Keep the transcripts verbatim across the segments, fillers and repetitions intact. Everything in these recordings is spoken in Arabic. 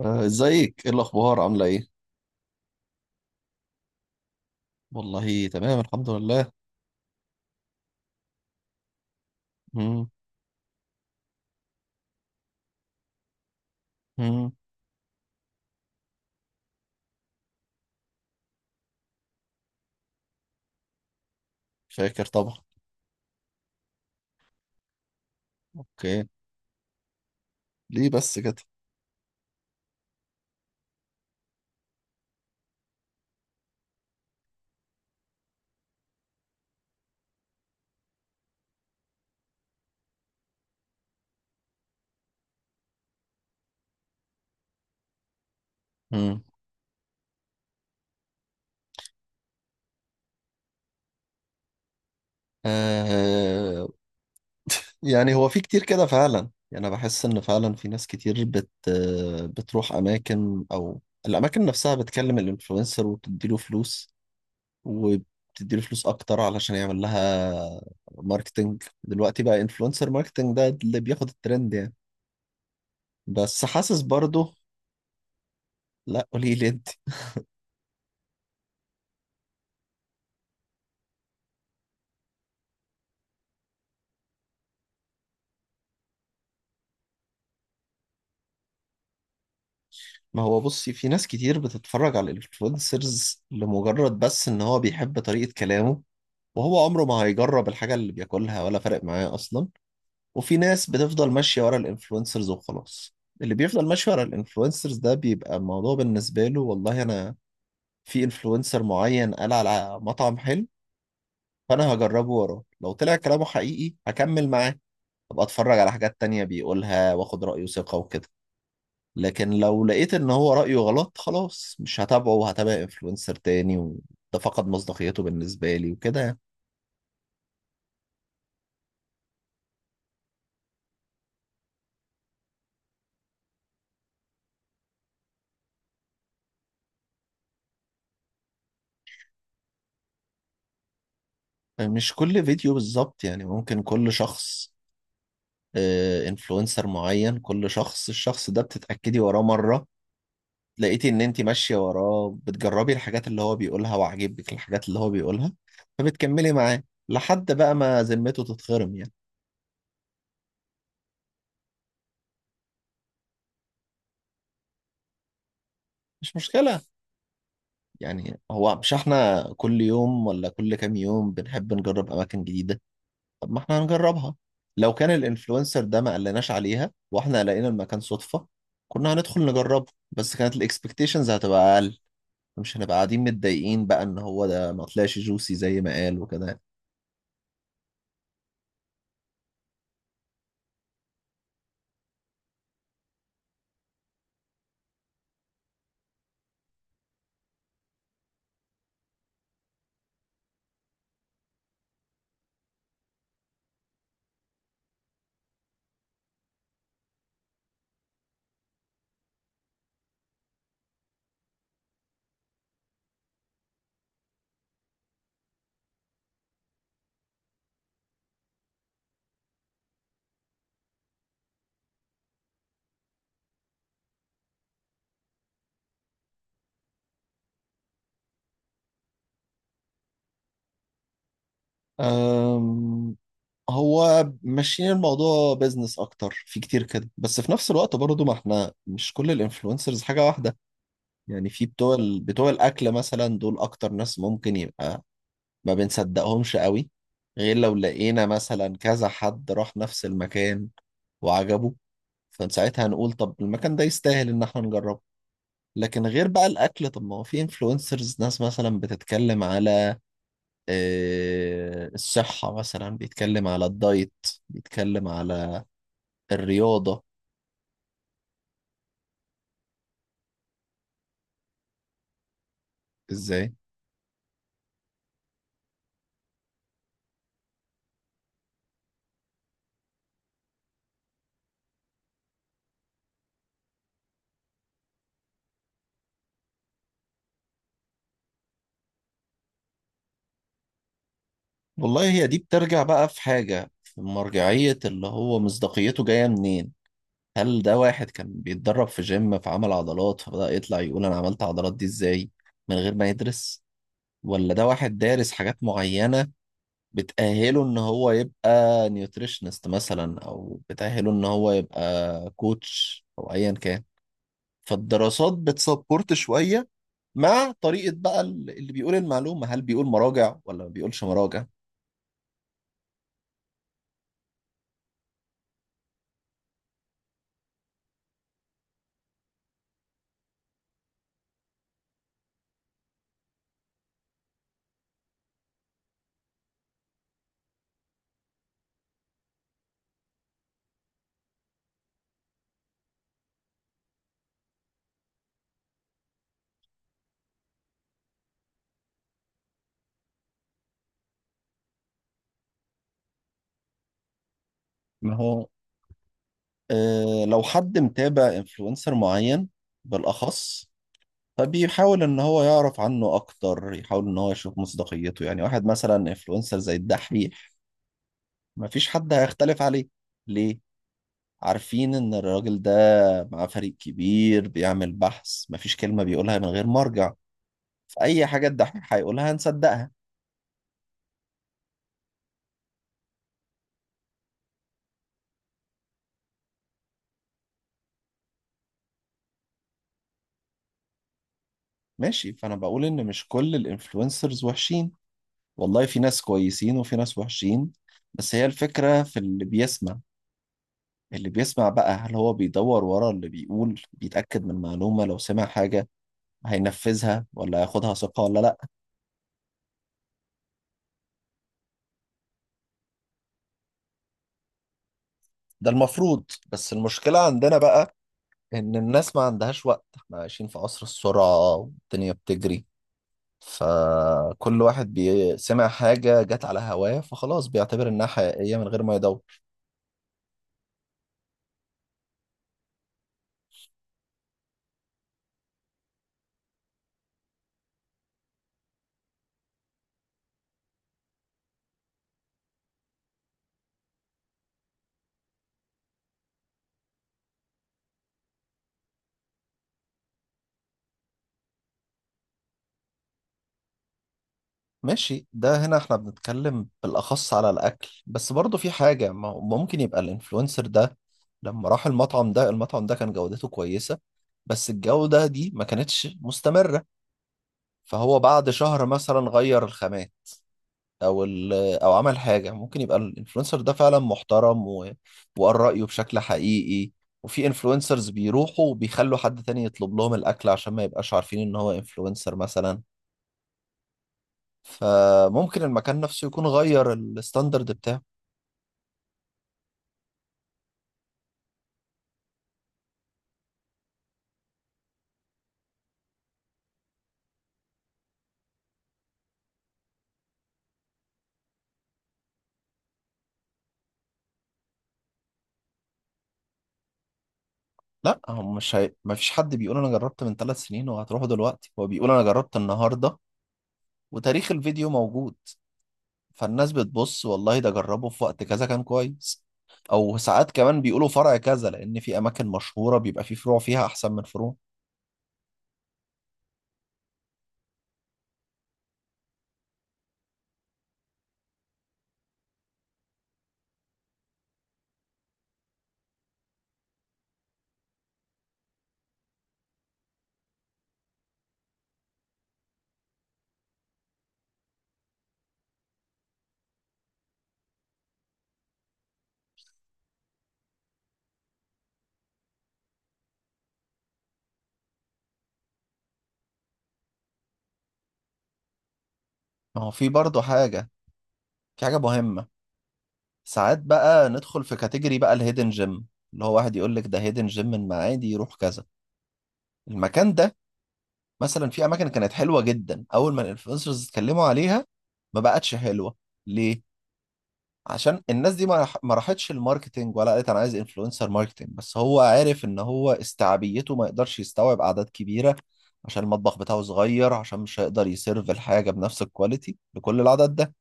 آه، ازيك، ايه الاخبار، عامله ايه؟ والله تمام الحمد لله. مم. مم. شاكر طبعا. اوكي. ليه بس كده؟ مم. آه. يعني هو في كتير كده فعلا، يعني انا بحس ان فعلا في ناس كتير بت آه، بتروح اماكن او الاماكن نفسها بتكلم الانفلونسر وبتديله فلوس، وبتديله فلوس اكتر علشان يعمل لها ماركتنج. دلوقتي بقى انفلونسر ماركتنج ده اللي بياخد الترند يعني. بس حاسس برضه. لا قولي لي انت. ما هو بصي، في ناس كتير بتتفرج على الانفلونسرز لمجرد بس ان هو بيحب طريقة كلامه، وهو عمره ما هيجرب الحاجة اللي بياكلها ولا فارق معاه اصلا. وفي ناس بتفضل ماشية ورا الانفلونسرز وخلاص. اللي بيفضل ماشي ورا الانفلونسرز ده بيبقى الموضوع بالنسبة له، والله انا في انفلونسر معين قال على مطعم حلو، فانا هجربه وراه، لو طلع كلامه حقيقي هكمل معاه، ابقى اتفرج على حاجات تانية بيقولها واخد رأيه ثقة وكده. لكن لو لقيت ان هو رأيه غلط خلاص مش هتابعه وهتابع انفلونسر تاني، وده فقد مصداقيته بالنسبة لي وكده. يعني مش كل فيديو بالظبط، يعني ممكن كل شخص، انفلونسر معين كل شخص، الشخص ده بتتأكدي وراه مرة، لقيتي ان انت ماشية وراه بتجربي الحاجات اللي هو بيقولها وعاجبك الحاجات اللي هو بيقولها، فبتكملي معاه لحد بقى ما ذمته تتخرم يعني. مش مشكلة. يعني هو مش احنا كل يوم ولا كل كام يوم بنحب نجرب أماكن جديدة؟ طب ما احنا هنجربها. لو كان الانفلونسر ده ما قلناش عليها واحنا لقينا المكان صدفة كنا هندخل نجربه، بس كانت الاكسبكتيشنز هتبقى اقل. مش هنبقى قاعدين متضايقين بقى ان هو ده ما طلعش جوسي زي ما قال وكده. أم هو ماشيين الموضوع بيزنس اكتر في كتير كده، بس في نفس الوقت برضو ما احنا مش كل الانفلونسرز حاجة واحدة. يعني في بتوع ال... بتوع الاكل مثلا دول اكتر ناس ممكن يبقى ما بنصدقهمش قوي، غير لو لقينا مثلا كذا حد راح نفس المكان وعجبه، فساعتها هنقول طب المكان ده يستاهل ان احنا نجربه. لكن غير بقى الاكل، طب ما هو في انفلونسرز ناس مثلا بتتكلم على آه، الصحة مثلا، بيتكلم على الدايت، بيتكلم على الرياضة. ازاي؟ والله هي دي بترجع بقى في حاجة، في مرجعية اللي هو مصداقيته جاية منين. هل ده واحد كان بيتدرب في جيم فعمل عضلات فبدأ يطلع يقول أنا عملت عضلات دي إزاي من غير ما يدرس، ولا ده واحد دارس حاجات معينة بتأهله إن هو يبقى نيوتريشنست مثلا، أو بتأهله إن هو يبقى كوتش أو أيا كان. فالدراسات بتسبورت شوية مع طريقة بقى ال- اللي بيقول المعلومة، هل بيقول مراجع ولا ما بيقولش مراجع. ما هو آه، لو حد متابع انفلونسر معين بالأخص فبيحاول ان هو يعرف عنه اكتر، يحاول ان هو يشوف مصداقيته. يعني واحد مثلا انفلونسر زي الدحيح مفيش حد هيختلف عليه. ليه؟ عارفين ان الراجل ده مع فريق كبير بيعمل بحث، مفيش كلمة بيقولها من غير مرجع. فأي حاجة الدحيح هيقولها هنصدقها. ماشي، فأنا بقول إن مش كل الانفلونسرز وحشين، والله في ناس كويسين وفي ناس وحشين، بس هي الفكرة في اللي بيسمع. اللي بيسمع بقى هل هو بيدور ورا اللي بيقول، بيتأكد من معلومة لو سمع حاجة، هينفذها ولا هياخدها ثقة ولا لا. ده المفروض. بس المشكلة عندنا بقى إن الناس ما عندهاش وقت، احنا عايشين في عصر السرعة والدنيا بتجري. فكل واحد بي- سمع حاجة جت على هواه فخلاص بيعتبر إنها حقيقية من غير ما يدور. ماشي، ده هنا احنا بنتكلم بالأخص على الأكل، بس برضه في حاجة، ما هو ممكن يبقى الإنفلونسر ده لما راح المطعم ده، المطعم ده كان جودته كويسة بس الجودة دي ما كانتش مستمرة، فهو بعد شهر مثلا غير الخامات، او ال- او عمل حاجه. ممكن يبقى الانفلونسر ده فعلا محترم و... وقال رايه بشكل حقيقي. وفي انفلونسرز بيروحوا وبيخلوا حد تاني يطلب لهم الاكل عشان ما يبقاش عارفين ان هو انفلونسر مثلا، فممكن المكان نفسه يكون غير الستاندرد بتاعه. لا هو مش هي... ما فيش حد بيقول انا جربت من ثلاث سنين وهتروحوا دلوقتي، هو بيقول انا جربت النهارده وتاريخ الفيديو موجود. فالناس بتبص، والله ده جربه في وقت كذا كان كويس، او ساعات كمان بيقولوا فرع كذا، لان في اماكن مشهوره بيبقى في فروع فيها احسن من فروع. ما هو في برضه حاجه، في حاجه مهمه. ساعات بقى ندخل في كاتيجوري بقى الهيدن جيم، اللي هو واحد يقول لك ده هيدن جيم من معادي، يروح كذا المكان ده. مثلا في اماكن كانت حلوه جدا اول ما الانفلونسرز اتكلموا عليها ما بقتش حلوه. ليه؟ عشان الناس دي ما راح- ما راحتش الماركتينج ولا قالت انا عايز انفلونسر ماركتينج، بس هو عارف ان هو استيعابيته ما يقدرش يستوعب اعداد كبيره. عشان المطبخ بتاعه صغير، عشان مش هيقدر يسيرف الحاجه بنفس الكواليتي لكل العدد ده.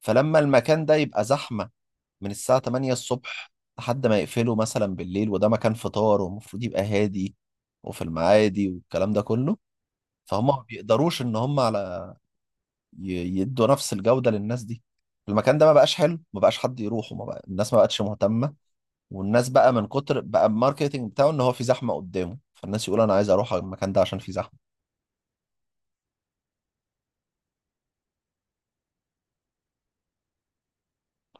فلما المكان ده يبقى زحمه من الساعه تمانية الصبح لحد ما يقفله مثلا بالليل، وده مكان فطار ومفروض يبقى هادي وفي المعادي والكلام ده كله، فهم ما بيقدروش ان هم على ي- يدوا نفس الجودة للناس دي. المكان ده ما بقاش حلو، ما بقاش حد يروحه، ما بقى الناس ما بقتش مهتمة. والناس بقى من كتر بقى الماركتينج بتاعه ان هو في زحمة قدامه، فالناس يقول انا عايز اروح على المكان ده عشان في زحمة.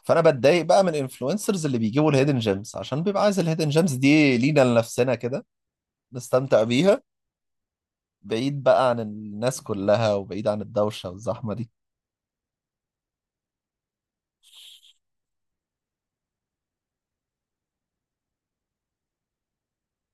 فانا بتضايق بقى من الانفلونسرز اللي بيجيبوا الهيدن جيمز عشان بيبقى عايز الهيدن جيمز دي لينا لنفسنا كده، نستمتع بيها بعيد بقى عن الناس كلها وبعيد عن الدوشة والزحمة دي